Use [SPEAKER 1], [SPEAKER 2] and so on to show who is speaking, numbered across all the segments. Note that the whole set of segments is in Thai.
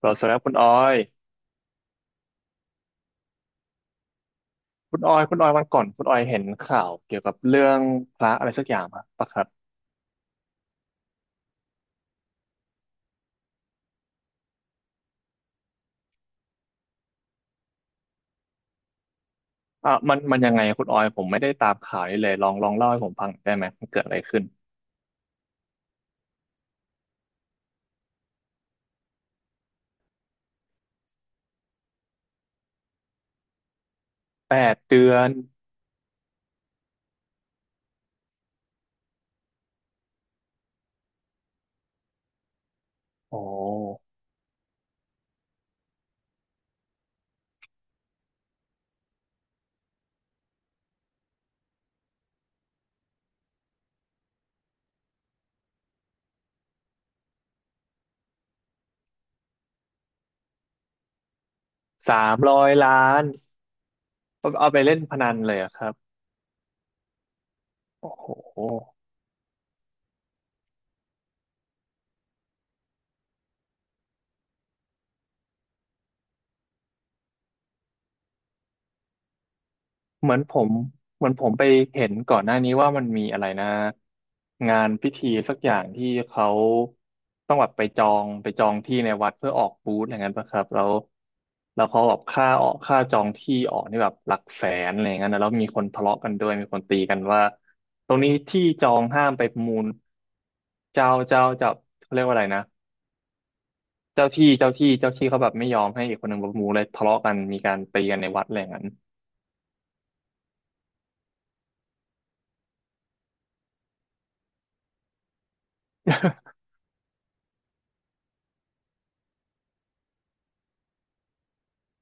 [SPEAKER 1] เราสำหรับยคุณออยวันก่อน คุณออยเห็นข่าวเกี่ยวกับเรื่องพระอะไรสักอย่างปะครับอ่ะมันยังไงคุณออย ผมไม่ได้ตามข่าวนี้เลย ลองเล่าให้ผมฟังได้ไหม มันเกิดอะไรขึ้น8 เดือนโอ้สามร้อยล้านเอาไปเล่นพนันเลยอะครับ โอ้โห เหมือนผมเหมือนผมไปเห็นก่อนหน้านี้ว่ามันมีอะไรนะงานพิธีสักอย่างที่เขาต้องแบบไปจองที่ในวัดเพื่อออกบูธอะไรเงี้ยป่ะครับแล้วเขาแบบค่าออกค่าจองที่ออกนี่แบบหลักแสนอะไรเงี้ยนะแล้วมีคนทะเลาะกันด้วยมีคนตีกันว่าตรงนี้ที่จองห้ามไปประมูลเจ้าเขาเรียกว่าอะไรนะเจ้าที่เขาแบบไม่ยอมให้อีกคนหนึ่งประมูลเลยทะเลาะกันมีการตีกันในวัดอะไรอย่างนั้น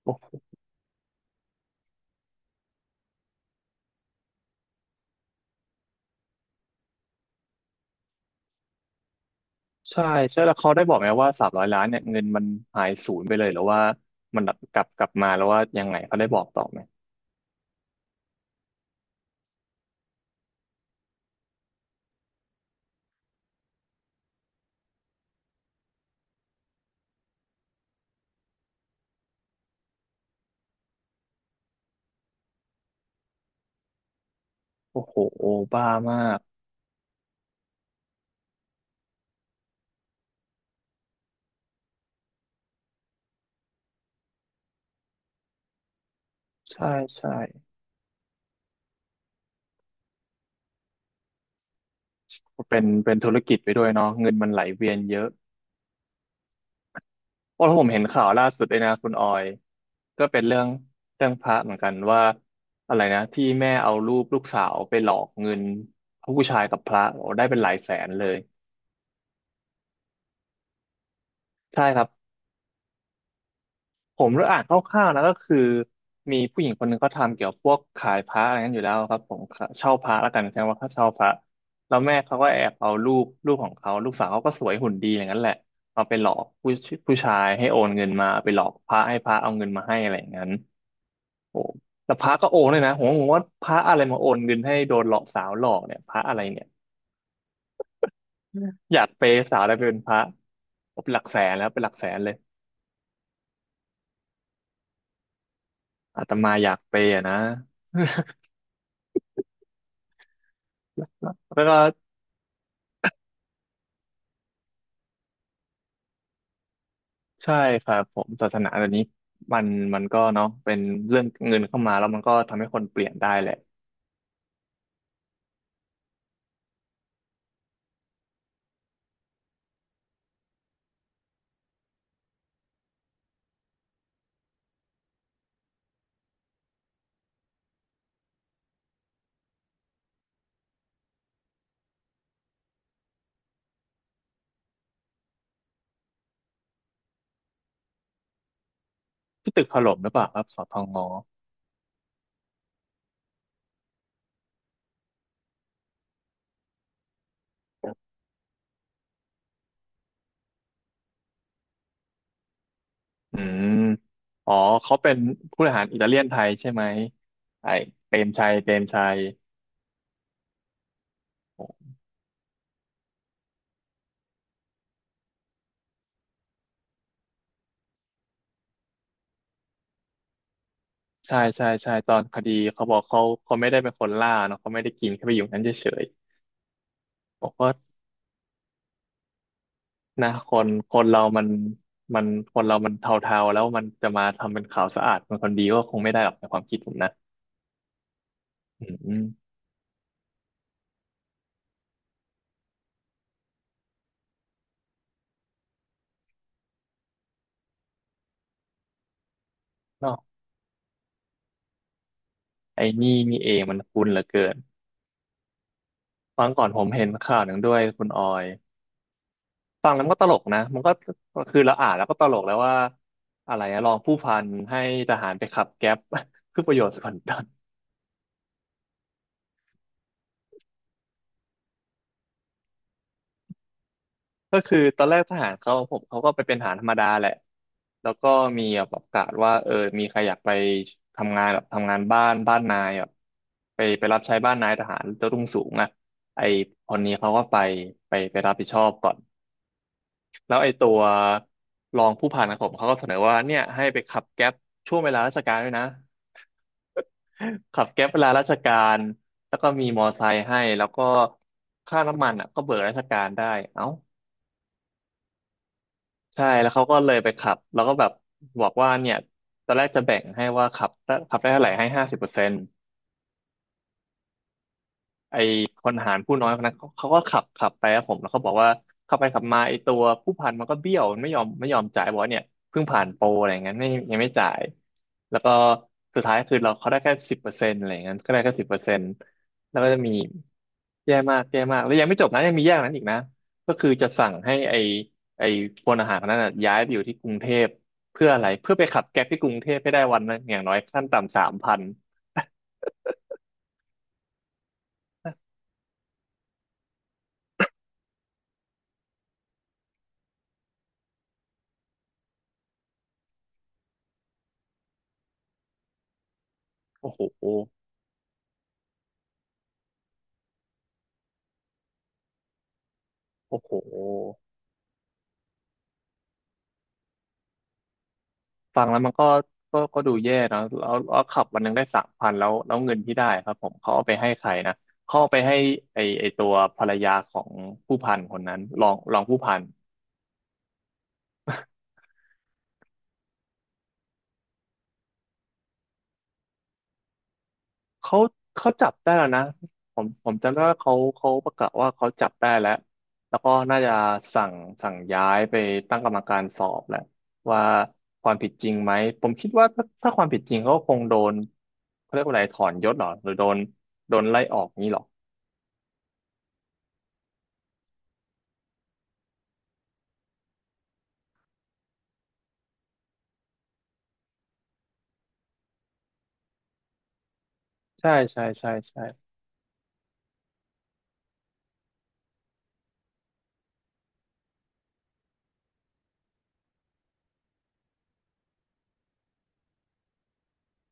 [SPEAKER 1] ใช่ใช่แล้วเขาได้บอกไหมว่าสามร้อยล้านเนี่ยเงินมันหายศูนย์ไปเลยหรือว่ามันกลับมาแล้วว่ายังไงเขาได้บอกต่อไหมโอ้โหบ้ามากใช่ใช่เป็นธุรกิจไปด้วยเนาะเงินมันไหลเวียนเยอะเพราะผมเห็นข่าวล่าสุดเลยนะคุณออยก็เป็นเรื่องพระเหมือนกันว่าอะไรนะที่แม่เอารูปลูกสาวไปหลอกเงินผู้ชายกับพระโอ้ได้เป็นหลายแสนเลยใช่ครับ ผมได้อ่านคร่าวๆนะก็คือมีผู้หญิงคนหนึ่งเขาทำเกี่ยวพวกขายพระอะไรนั้นอยู่แล้วครับผมเช่าพระแล้วกันใช่ไหมว่าเขาเช่าพระแล้วแม่เขาก็แอบเอารูปลูกของเขาลูกสาวเขาก็สวยหุ่นดีอย่างนั้นแหละเอาไปหลอกผู้ชายให้โอนเงินมาเอาไปหลอกพระให้พระเอาเงินมาให้อะไรอย่างนั้นโอ้แล้วพระก็โอนเลยนะผมก็งงว่าพระอะไรมาโอนเงินให้โดนหลอกสาวหลอกเนี่ยพระอะไรเนี่ยอยากเปย์สาวได้ไปเป็นพระผมเป็นหลักแสนแล้วเป็นหลักแสนเลยอาตมาอยากเปย์อะนะ แล้วก็ ใช่ครับผมศาสนาเดี๋ยวนี้มันมันก็เนาะเป็นเรื่องเงินเข้ามาแล้วมันก็ทำให้คนเปลี่ยนได้แหละที่ตึกถล่มหรือเปล่าครับสทงอืมอ๋อเขาเป็นผู้บริหารอิตาเลียนไทยใช่ไหมไอ้เปรมชัยโอ้ใช่ใช่ใช่ตอนคดีเขาบอกเขาไม่ได้เป็นคนล่าเนาะเขาไม่ได้กินแค่ไปอยู่นั้นเฉยๆบอกว่านะคนเรามันคนเรามันเทาๆแล้วมันจะมาทำเป็นขาวสะอาดเป็นคนดีก็คงไม่ได้หรอกในความคิดผมนะอืม ไอ้นี่เองมันคุ้นเหลือเกินฟังก่อนผมเห็นข่าวหนึ่งด้วยคุณออยฟังแล้วมันก็ตลกนะมันก็คือเราอ่านแล้วก็ตลกแล้วว่า อะไรอะรองผู้พันให้ทหารไปขับแก๊ป เพื่อประโยชน์ส่วนตนก็คือตอนแรกทหารเขาผมเขาก็ไปเป็นทหารธรรมดาแหละ แล้วก็มีแบบประกาศว่าเออมีใครอยากไปทำงานแบบทำงานบ้านนายแบบไปรับใช้บ้านนายทหารเจ้ารุ่งสูงอะไอคนนี้เขาก็ไปไปรับผิดชอบก่อน แล้วไอ้ตัวรองผู้พันของผมเขาก็เสนอว่าเนี่ยให้ไปขับแก๊ปช่วงเวลาราชการด้วยนะ ขับแก๊ปเวลาราชการแล้วก็มีมอไซค์ให้แล้วก็ค่าน้ำมันอ่ะก็เบิกราชการได้เอ้าใช่แล้วเขาก็เลยไปขับแล้วก็แบบบอกว่าเนี่ยตอนแรกจะแบ่งให้ว่าขับได้เท่าไหร่ให้50% ไอ้คนหารผู้น้อยคนนั้นเขาก็ขับไปครับผมแล้วเขาบอกว่าขับไปขับมาไอ้ตัวผู้พันมันก็เบี้ยวมันไม่ยอมจ่ายบอกว่าเนี่ยเพิ่งผ่านโปรอะไรอย่างเงี้ยไม่ยังไม่จ่ายแล้วก็สุดท้ายคือเราเขาได้แค่สิบเปอร์เซ็นต์อะไรอย่างเงี้ยก็ได้แค่สิบเปอร์เซ็นต์แล้วก็จะมีแย่มากแย่มากแล้วยังไม่จบนะยังมีแย่กว่านั้นอีกนะก็คือจะสั่งให้ไอ้ไอ้พลทหารคนนั้นน่ะย้ายไปอยู่ที่กรุงเทพเพื่ออะไรเพื่อไปขับแก๊ปที่กรุงเทพให้ได้วันนึงอย่างน้อยขั้นต่ำ3,000 โอ้โหโอ้โห ฟังแล้วมันก็ดูแย่นะแล้วขับวันหนึงได้3,000แล้วเงินที่ได้ครับผมเขาเอาไปให้ใครนะเขาเอาไปให้ไอไอตัวภรรยาของผู้พันคนนั้นรองผู้พันเขาเขาจับได้แล้วนะผมจำได้ว่าเขาประกาศว่าเขาจับได้แล้วแล้วก็น่าจะสั่งสั่งย้ายไปตั้งกรรมการสอบแหละว่าความผิดจริงไหมผมคิดว่าถ้าความผิดจริงเขาก็คงโดนเขาเรียกว่าอะไรถอนยศเหรอหรือโดนไล่ออกนี้เหรอใช่ใช่ใช่ใช่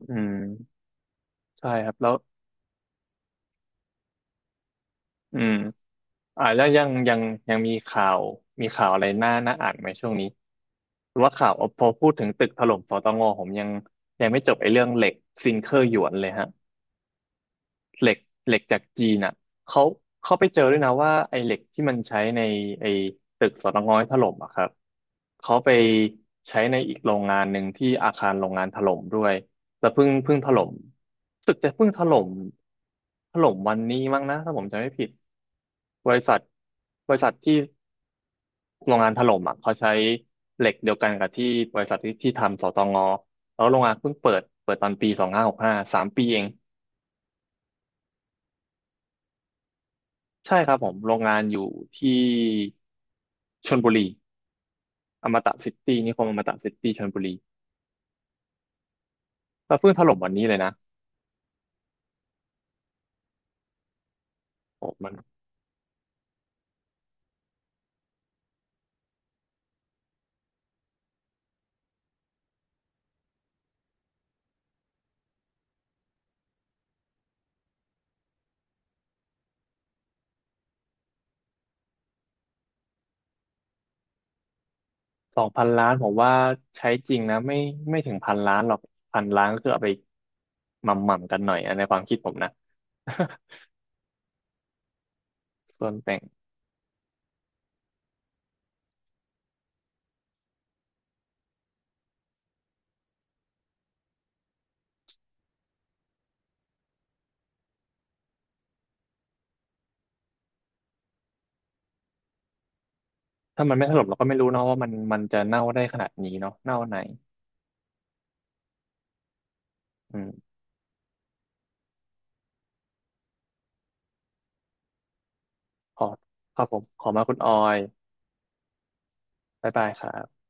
[SPEAKER 1] อืมใช่ครับแล้วอืมแล้วยังมีข่าวอะไรน่าอ่านไหมช่วงนี้หรือว่าข่าวพอพูดถึงตึกถล่มสตงผมยังยังไม่จบไอ้เรื่องเหล็กซิงเกอร์หยวนเลยฮะ เหล็กเหล็กจากจีนอ่ะเขาเขาไปเจอด้วยนะว่าไอ้เหล็กที่มันใช้ในไอ้ตึกสตงที่ถล่มอ่ะครับเขาไปใช้ในอีกโรงงานหนึ่งที่อาคารโรงงานถล่มด้วยแล้วเพิ่งถล่มตึกจะเพิ่งถล่มวันนี้มั้งนะถ้าผมจำไม่ผิดบริษัทบริษัทที่โรงงานถล่มอ่ะเขาใช้เหล็กเดียวกันกับที่บริษัทที่ทำสตงแล้วโรงงานเพิ่งเปิดตอนปี25653 ปีเอง ใช่ครับผมโรงงานอยู่ที่ชลบุรีอมตะซิตี้นิคมอมตะซิตี้ชลบุรีก็เพิ่งถล่มวันนี้เลยนะโอ้มัน2,000 ล้านผมว่าใช้จริงนะไม่ถึงพันล้านหรอกพันล้านก็คือเอาไปหม่ำๆกันหน่อยอะในความคิดผมนะ ส่วนแต่งถ้ามันไม่ถล่มเราก็ไม่รู้เนาะว่ามันจะเน่าได้ขนาดนี้เนาะเน่าไหนอืมขอครับผมขอมาคุณออยบ๊ายบายครับ